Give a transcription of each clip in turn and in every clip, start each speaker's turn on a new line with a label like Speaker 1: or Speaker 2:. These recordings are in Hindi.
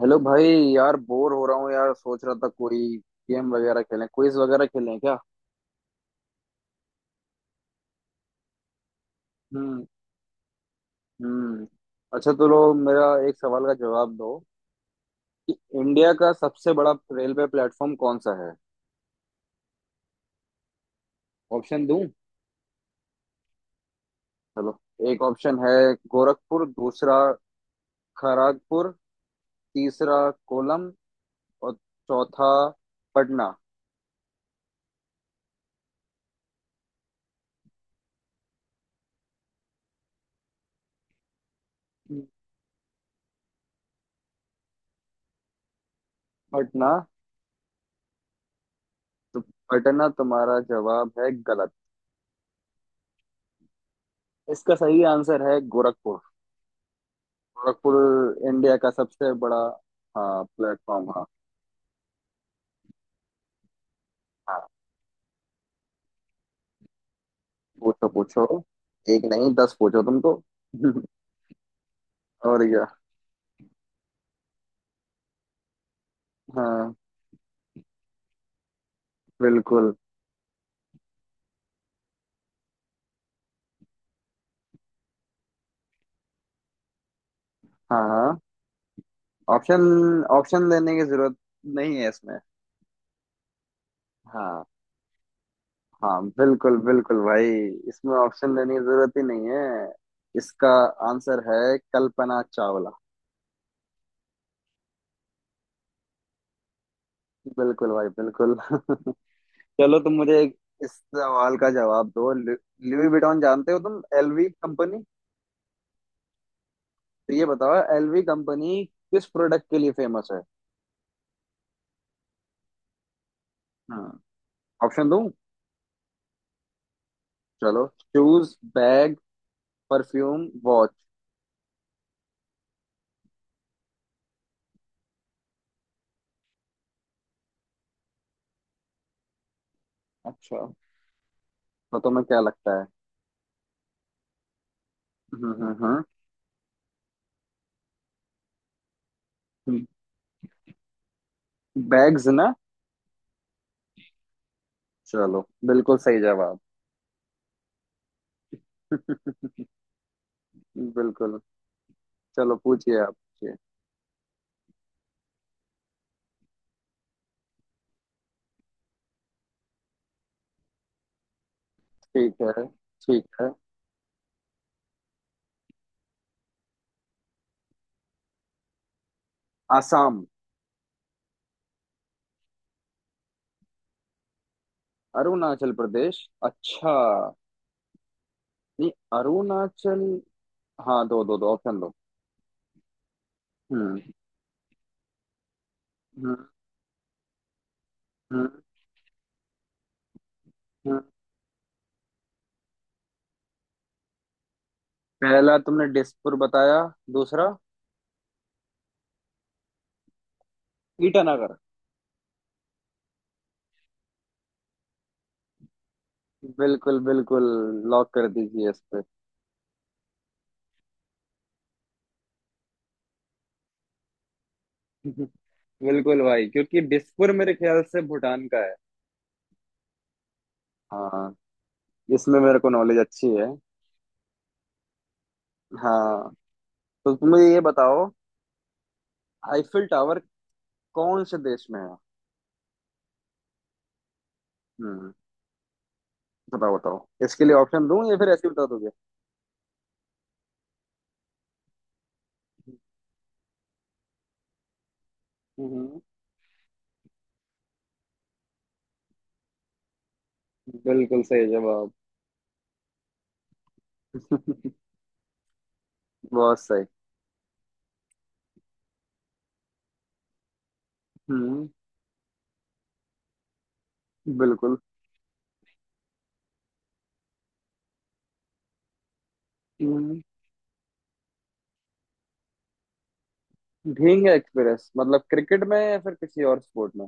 Speaker 1: हेलो भाई। यार बोर हो रहा हूँ यार। सोच रहा था कोई गेम वगैरह खेलें, क्विज वगैरह खेलें क्या। हम्म। हम्म। अच्छा तो लो मेरा एक सवाल का जवाब दो कि इंडिया का सबसे बड़ा रेलवे प्लेटफॉर्म कौन सा है। ऑप्शन दूं? चलो। एक ऑप्शन है गोरखपुर, दूसरा खड़गपुर, तीसरा कोलम, और चौथा पटना। पटना? तो पटना तुम्हारा जवाब है गलत। इसका सही आंसर है गोरखपुर। गोरखपुर इंडिया का सबसे बड़ा, हाँ, प्लेटफॉर्म, हाँ। हाँ। पूछो पूछो। एक नहीं दस पूछो तुम तो और क्या। हाँ। बिल्कुल। हाँ। हाँ। ऑप्शन, ऑप्शन देने की जरूरत नहीं है इसमें। हाँ। हाँ। बिल्कुल बिल्कुल भाई। इसमें ऑप्शन देने की जरूरत ही नहीं है। इसका आंसर है कल्पना चावला। बिल्कुल भाई बिल्कुल चलो तुम मुझे एक इस सवाल का जवाब दो। लुई विटॉन जानते हो तुम, एलवी कंपनी? तो ये बताओ एलवी कंपनी किस प्रोडक्ट के लिए फेमस है। हाँ। ऑप्शन दूं? चलो। Shoes, bag, perfume, watch. अच्छा। तो तुम्हें क्या लगता है? हम्म हम्म हम्म हम्म, बैग्स ना? चलो, बिल्कुल सही जवाब। बिल्कुल। चलो पूछिए, आप पूछिए। ठीक है। ठीक है। आसाम? अरुणाचल प्रदेश? अच्छा। नहीं, अरुणाचल। हाँ, दो दो दो ऑप्शन दो। हम्म। हम्म। हम्म। हम्म। पहला तुमने डिस्पुर बताया, दूसरा ईटानगर। बिल्कुल बिल्कुल, लॉक कर दीजिए इस पे। बिल्कुल भाई, क्योंकि बिसपुर मेरे ख्याल से भूटान का है। हाँ। इसमें मेरे को नॉलेज अच्छी है। हाँ। तो तुम मुझे ये बताओ, आईफिल टावर कौन से देश में है? हम्म। बताओ बताओ। इसके लिए ऑप्शन दूं या फिर ऐसे ही बता दोगे? हम्म। बिल्कुल सही जवाब। बहुत सही। हम्म। बिल्कुल। हम्म, ढींग एक्सप्रेस? मतलब क्रिकेट में या फिर किसी और स्पोर्ट में?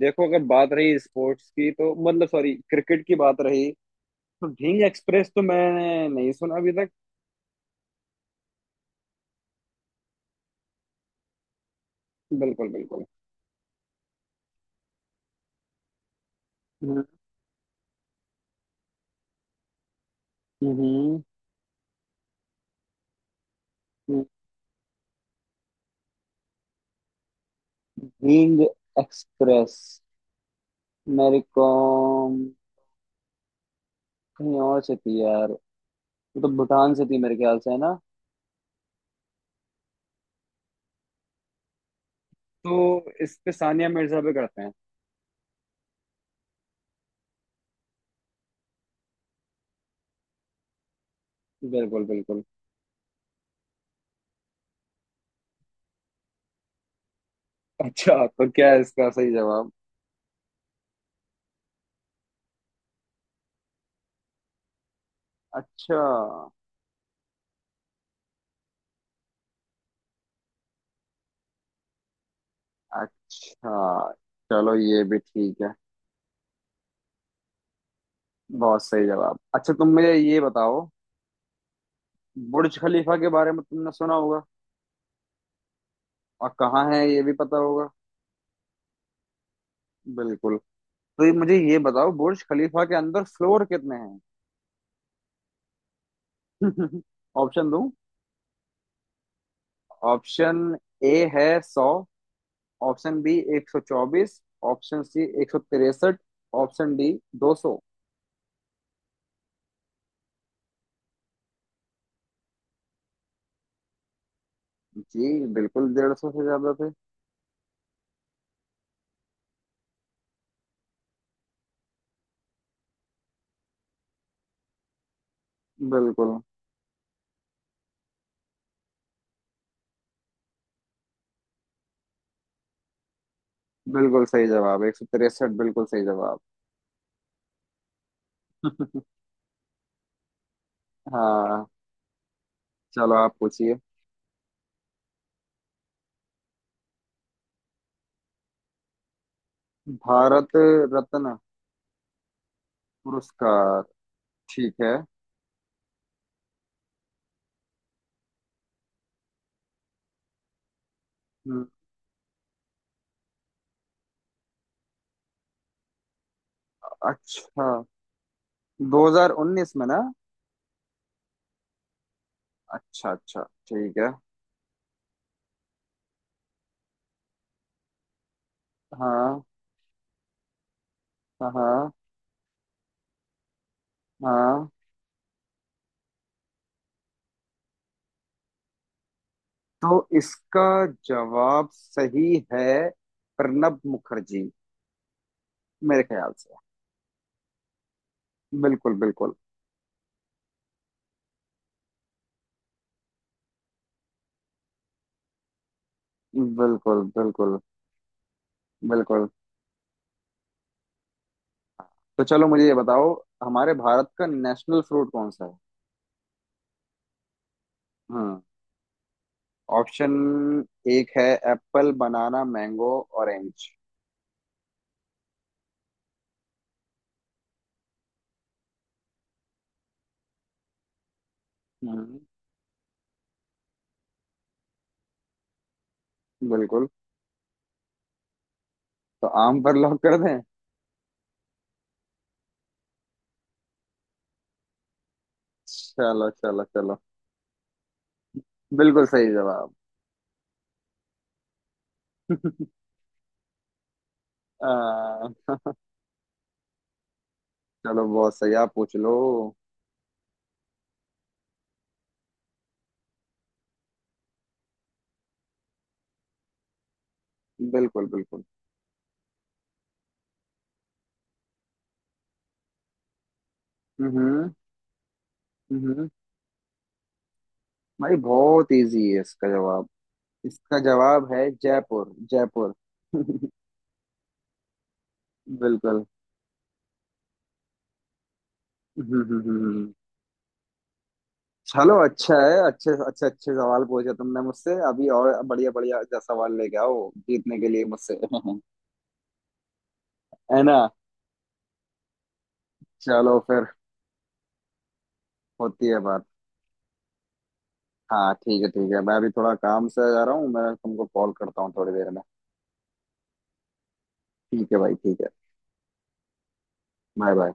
Speaker 1: देखो अगर बात रही स्पोर्ट्स की, तो मतलब सॉरी, क्रिकेट की बात रही तो ढींग एक्सप्रेस तो मैंने नहीं सुना अभी तक। बिल्कुल बिल्कुल। हम्म। हम्म। हम्म। ढींग एक्सप्रेस, मेरे को कहीं और से थी यार। वो तो भूटान से थी मेरे ख्याल से, है ना? तो इस पे सानिया मिर्जा पे करते हैं। बिल्कुल बिल्कुल। अच्छा, तो क्या है इसका सही जवाब? अच्छा। अच्छा। चलो ये भी ठीक है। बहुत सही जवाब। अच्छा तुम मुझे ये बताओ, बुर्ज खलीफा के बारे में तुमने सुना होगा, और कहाँ है ये भी पता होगा। बिल्कुल। तो ये मुझे ये बताओ, बुर्ज खलीफा के अंदर फ्लोर कितने हैं? ऑप्शन दूं? ऑप्शन ए है सौ, ऑप्शन बी एक सौ चौबीस, ऑप्शन सी एक सौ तिरसठ, ऑप्शन डी दो सौ। जी बिल्कुल डेढ़ सौ से ज्यादा थे। बिल्कुल। बिल्कुल सही जवाब, एक सौ तिरसठ, बिल्कुल सही जवाब। हाँ। चलो आप पूछिए। भारत रत्न पुरस्कार, ठीक है। अच्छा, 2019 में ना? अच्छा अच्छा, ठीक है। हाँ। हाँ। हाँ। तो इसका जवाब सही है प्रणब मुखर्जी मेरे ख्याल से। बिल्कुल बिल्कुल। बिल्कुल बिल्कुल। बिल्कुल। तो चलो मुझे ये बताओ, हमारे भारत का नेशनल फ्रूट कौन सा है? हम्म। ऑप्शन एक है एप्पल, बनाना, मैंगो, ऑरेंज। हम्म। बिल्कुल। तो आम पर लॉक कर दें? चलो चलो चलो, बिल्कुल सही जवाब। आ, चलो बहुत सही, आप पूछ लो। बिल्कुल बिल्कुल। हम्म। हम्म। भाई बहुत इजी है इसका जवाब। इसका जवाब है जयपुर, जयपुर। बिल्कुल। हम्म। हम्म। हम्म। चलो अच्छा है, अच्छे अच्छे अच्छे सवाल पूछे तुमने मुझसे अभी। और बढ़िया बढ़िया जा सवाल लेके आओ जीतने के लिए मुझसे। है ना? चलो फिर। होती है बात। हाँ ठीक है, ठीक है, मैं अभी थोड़ा काम से जा रहा हूँ, मैं तुमको कॉल करता हूँ थोड़ी देर में। ठीक है भाई, ठीक है। Bye bye.